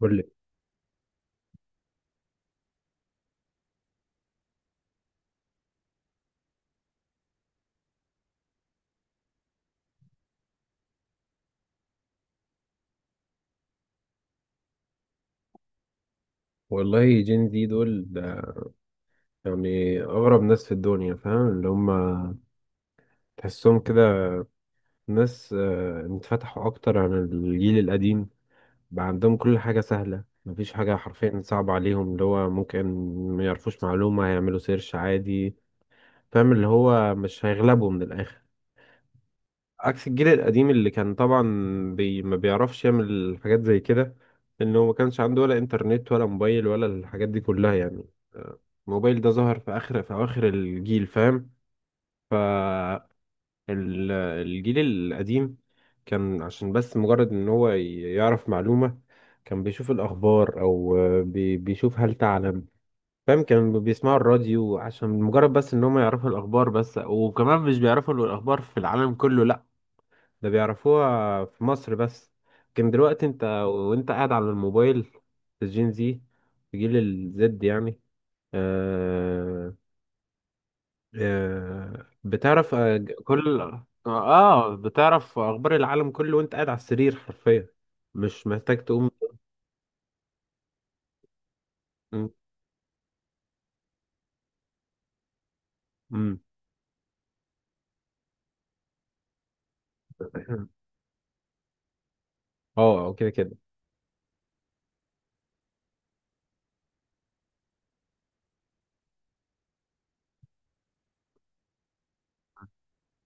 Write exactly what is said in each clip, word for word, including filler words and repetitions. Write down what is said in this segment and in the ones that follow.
قول لي. والله جين زي دول ده يعني أغرب ناس في الدنيا، فاهم اللي هم؟ تحسهم كده ناس، آه، اتفتحوا أكتر عن الجيل القديم. بقى عندهم كل حاجة سهلة، مفيش حاجة حرفيا صعبة عليهم. اللي هو ممكن ما يعرفوش معلومة هيعملوا سيرش عادي. فاهم اللي هو مش هيغلبوا من الآخر، عكس الجيل القديم اللي كان طبعا بي ما بيعرفش يعمل حاجات زي كده، لأنه ما كانش عنده ولا إنترنت ولا موبايل ولا الحاجات دي كلها يعني. الموبايل ده ظهر في اخر في اواخر الجيل، فاهم؟ فالجيل القديم كان عشان بس مجرد ان هو ي- يعرف معلومة، كان بيشوف الاخبار او آه، بي- بيشوف هل تعلم، فاهم؟ كانوا بيسمعوا الراديو عشان مجرد بس ان هم يعرفوا الاخبار بس، وكمان مش بيعرفوا الاخبار في العالم كله لا، ده بيعرفوها في مصر بس. لكن دلوقتي انت وانت قاعد على الموبايل في الجين زي، في جيل الزد يعني. آه. آه، بتعرف آه، ج- كل. اه، بتعرف اخبار العالم كله وانت قاعد على السرير حرفيا، مش محتاج تقوم. م- م- اه، أو كده كده.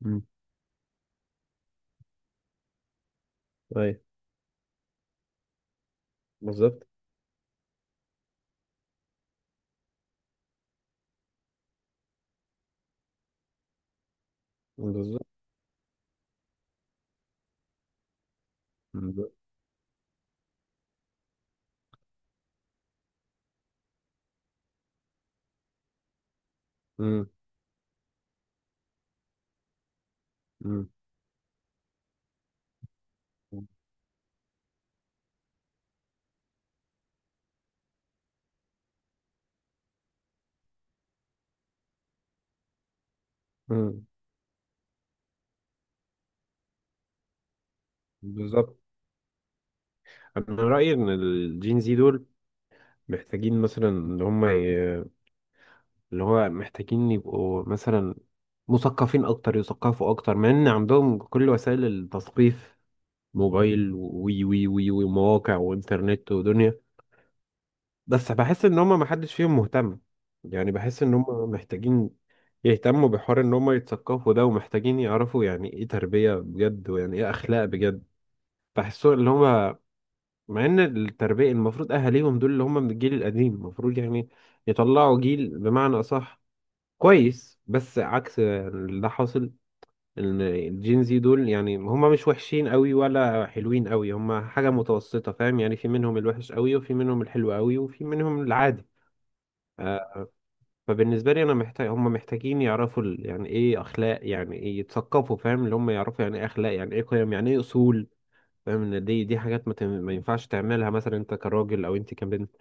م. ايوه، بالظبط، بالظبط، بالظبط. م- م- م. بالظبط. انا رايي ان الجين زي دول محتاجين مثلا ان هم ي- اللي هو محتاجين يبقوا مثلا مثقفين اكتر، يثقفوا اكتر، مع ان عندهم كل وسائل التثقيف: موبايل وي وي وي وي ومواقع وانترنت ودنيا. بس بحس ان هم ما حدش فيهم مهتم. يعني بحس ان هم محتاجين يهتموا بحوار ان هم يتثقفوا ده، ومحتاجين يعرفوا يعني ايه تربية بجد، ويعني ايه اخلاق بجد. بحسوا اللي هم، مع ان التربية المفروض اهاليهم دول اللي هم من الجيل القديم المفروض يعني يطلعوا جيل بمعنى اصح كويس، بس عكس اللي حاصل. الجين زي دول يعني هما مش وحشين قوي ولا حلوين قوي، هما حاجة متوسطة، فاهم؟ يعني في منهم الوحش قوي وفي منهم الحلو قوي وفي منهم العادي. آه، فبالنسبة لي أنا محتاج، هما محتاجين يعرفوا ال- يعني إيه أخلاق، يعني إيه يتثقفوا، فاهم اللي هما يعرفوا يعني إيه أخلاق، يعني إيه قيم، يعني إيه أصول، فاهم؟ إن دي دي حاجات ما, تم- ما ينفعش تعملها مثلا أنت كراجل أو أنت كبنت.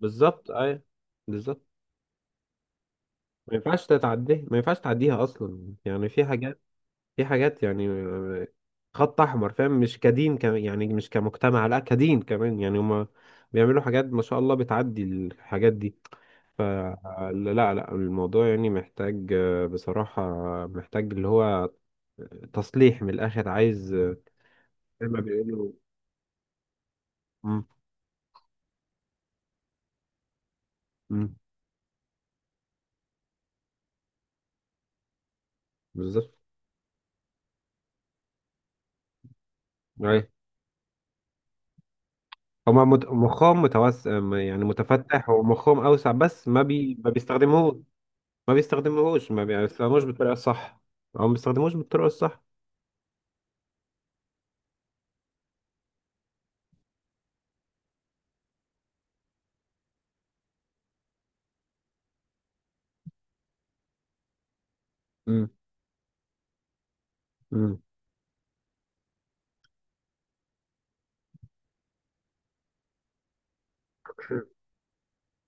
بالظبط، أي. بالظبط. ما ينفعش تتعديها، ما ينفعش تعديها أصلا، يعني في حاجات، في حاجات يعني خط احمر، فاهم؟ مش كدين كمان، يعني مش كمجتمع لا، كدين كمان يعني. هما بيعملوا حاجات ما شاء الله، بتعدي الحاجات دي. فلا لا لا، الموضوع يعني محتاج، آه، بصراحة محتاج اللي هو تصليح من الاخر، عايز آه، زي ما بيقولوا. مم، مم، بالظبط. أيوة. هما مت- مخهم متوسع، يعني متفتح ومخهم اوسع، بس ما بي ما بيستخدموه. ما بيستخدموهوش ما بيستخدموش بالطريقة الصح، او ما بيستخدموش بالطريقة الصح. مم.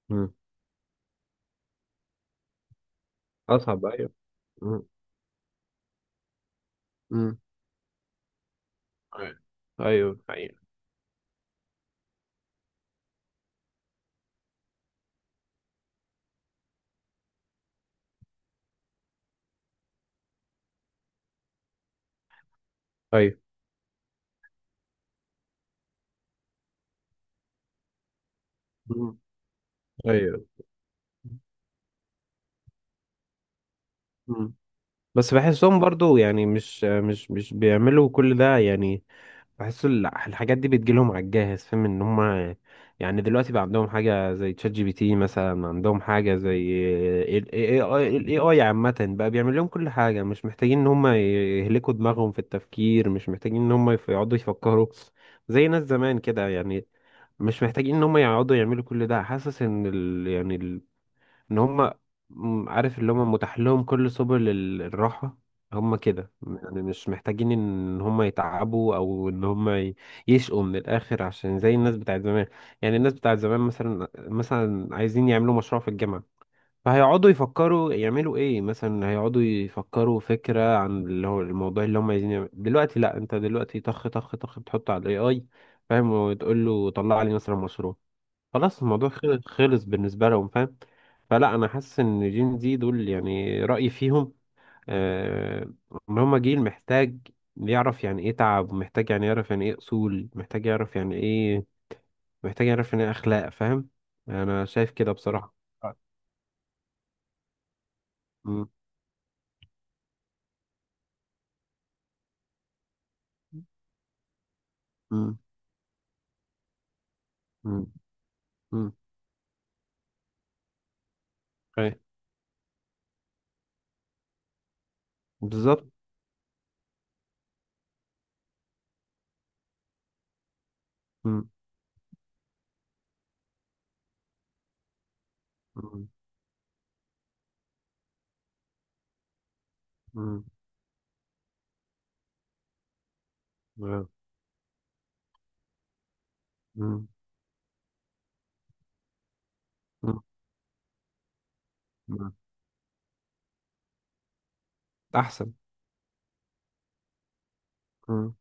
مم. أصعب، أيوه. مم. مم. أيوه، أيوه، أيوه، أيوه. مم. أيوه. مم. بس بحسهم برضو، يعني مش مش مش بيعملوا كل ده يعني. بحس ال- الحاجات دي بتجيلهم على الجاهز، فاهم ان هم، يعني دلوقتي بقى عندهم حاجة زي تشات جي بي تي مثلا، عندهم حاجة زي ال إيه آي. ال إيه آي عامة بقى بيعمل لهم كل حاجة، مش محتاجين ان هم يهلكوا دماغهم في التفكير، مش محتاجين ان هم يف- يقعدوا يفكروا زي ناس زمان كده يعني، مش محتاجين ان هم يقعدوا يعملوا كل ده. حاسس ان ال، يعني ان هم، م- عارف اللي هم متاح لهم كل سبل ال- الراحة، هم كده يعني. مش محتاجين ان هم يتعبوا او ان هم ي- يشقوا من الاخر عشان زي الناس بتاعت زمان. يعني الناس بتاعت زمان مثلا، مثلا عايزين يعملوا مشروع في الجامعة، فهيقعدوا يفكروا يعملوا ايه، مثلا هيقعدوا يفكروا فكرة عن اللي هو الموضوع اللي هم عايزين يعملوا. دلوقتي لا، انت دلوقتي طخ طخ طخ بتحطه على الاي اي، فاهم؟ وتقول له طلع لي مثلا مشروع، خلاص الموضوع خل- خلص بالنسبة لهم، فاهم؟ فلا، أنا حاسس إن جين زي دول يعني رأيي فيهم آه إن هما جيل محتاج يعرف يعني إيه تعب، ومحتاج يعني يعرف يعني إيه أصول، محتاج يعرف يعني إيه، محتاج يعرف يعني إيه أخلاق، فاهم؟ أنا شايف كده بصراحة. مم. مم. مم. مم. أي. بالظبط. مم. مم. مم. مم. مم. مم. أحسن. مم.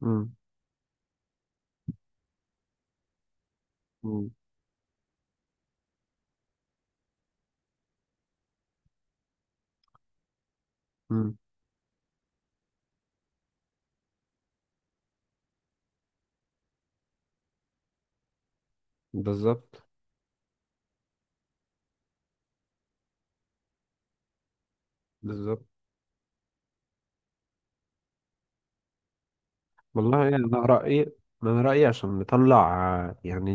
مم. مم. مم. بالظبط. بالظبط. والله يعني انا رايي، انا رايي عشان نطلع، آه، يعني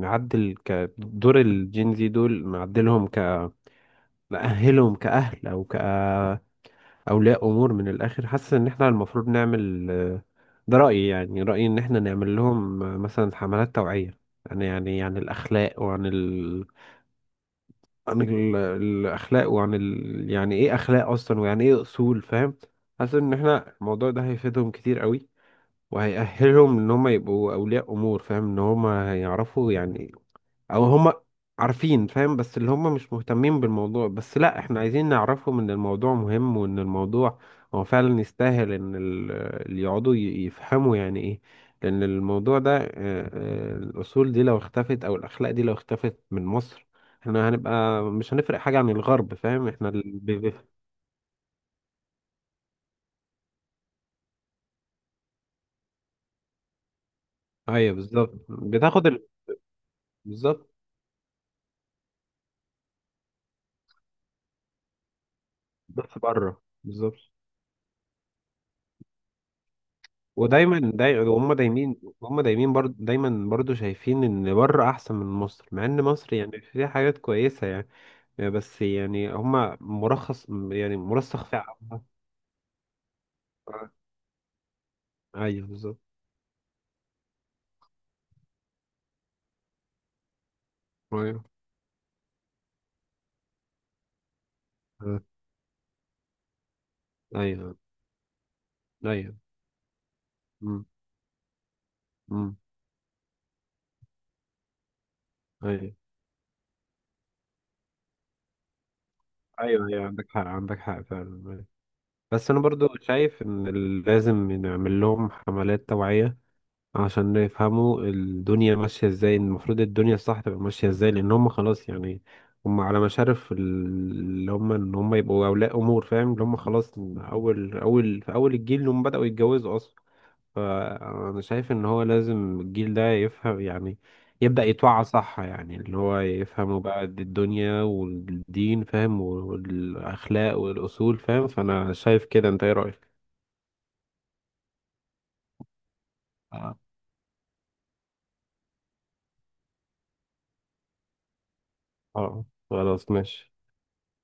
نعدل كدور الجين زي دول، نعدلهم ك، نأهلهم كأهل او كأولياء امور من الاخر. حاسس ان احنا المفروض نعمل، آه، ده رايي، يعني رايي ان احنا نعمل لهم آه، مثلا حملات توعيه، يعني يعني عن الاخلاق وعن ال... عن ال... الاخلاق وعن ال... يعني ايه اخلاق اصلا، ويعني ايه اصول، فاهم؟ حاسس ان احنا الموضوع ده هيفيدهم كتير قوي، وهيأهلهم ان هم يبقوا اولياء امور، فاهم ان هم هيعرفوا يعني، او هم عارفين، فاهم؟ بس اللي هم مش مهتمين بالموضوع بس. لا احنا عايزين نعرفهم ان الموضوع مهم، وان الموضوع هو فعلا يستاهل ان ال- اللي يقعدوا ي- يفهموا يعني ايه، لان الموضوع ده آه، آه، الاصول دي لو اختفت او الاخلاق دي لو اختفت من مصر، احنا هنبقى مش هنفرق حاجة عن الغرب، فاهم؟ احنا ال... ب- ب- ايوه بالظبط، بتاخد ال... بالظبط، بس بره. بالظبط. ودايما داي... وهم دايمين، هم دايمين برضو، دايما برضو شايفين ان بره احسن من مصر، مع ان مصر يعني فيها حاجات كويسة يعني. آه، بس يعني هم مرخص، يعني مرسخ في عقلها. آه. ايوه بالظبط. ايوه. آه. ايوه، ايوه. امم. امم. ايوه، ايوه، ايوه، عندك حق، عندك حق فعلا. أيوه. بس انا برضو شايف ان لازم نعمل لهم حملات توعية، عشان يفهموا الدنيا ماشية ازاي، المفروض الدنيا الصح تبقى ماشية ازاي، لأن هم خلاص يعني. هم على مشارف ال- اللي هم إن هم يبقوا أولياء أمور، فاهم اللي هم خلاص أول أول في أول الجيل اللي هم بدأوا يتجوزوا أصلا. فأنا شايف إن هو لازم الجيل ده يفهم يعني، يبدأ يتوعى صح، يعني اللي هو يفهموا بقى الدنيا والدين، فاهم؟ والأخلاق والأصول، فاهم؟ فأنا شايف كده، أنت إيه رأيك؟ آه. اه خلاص، ماشي.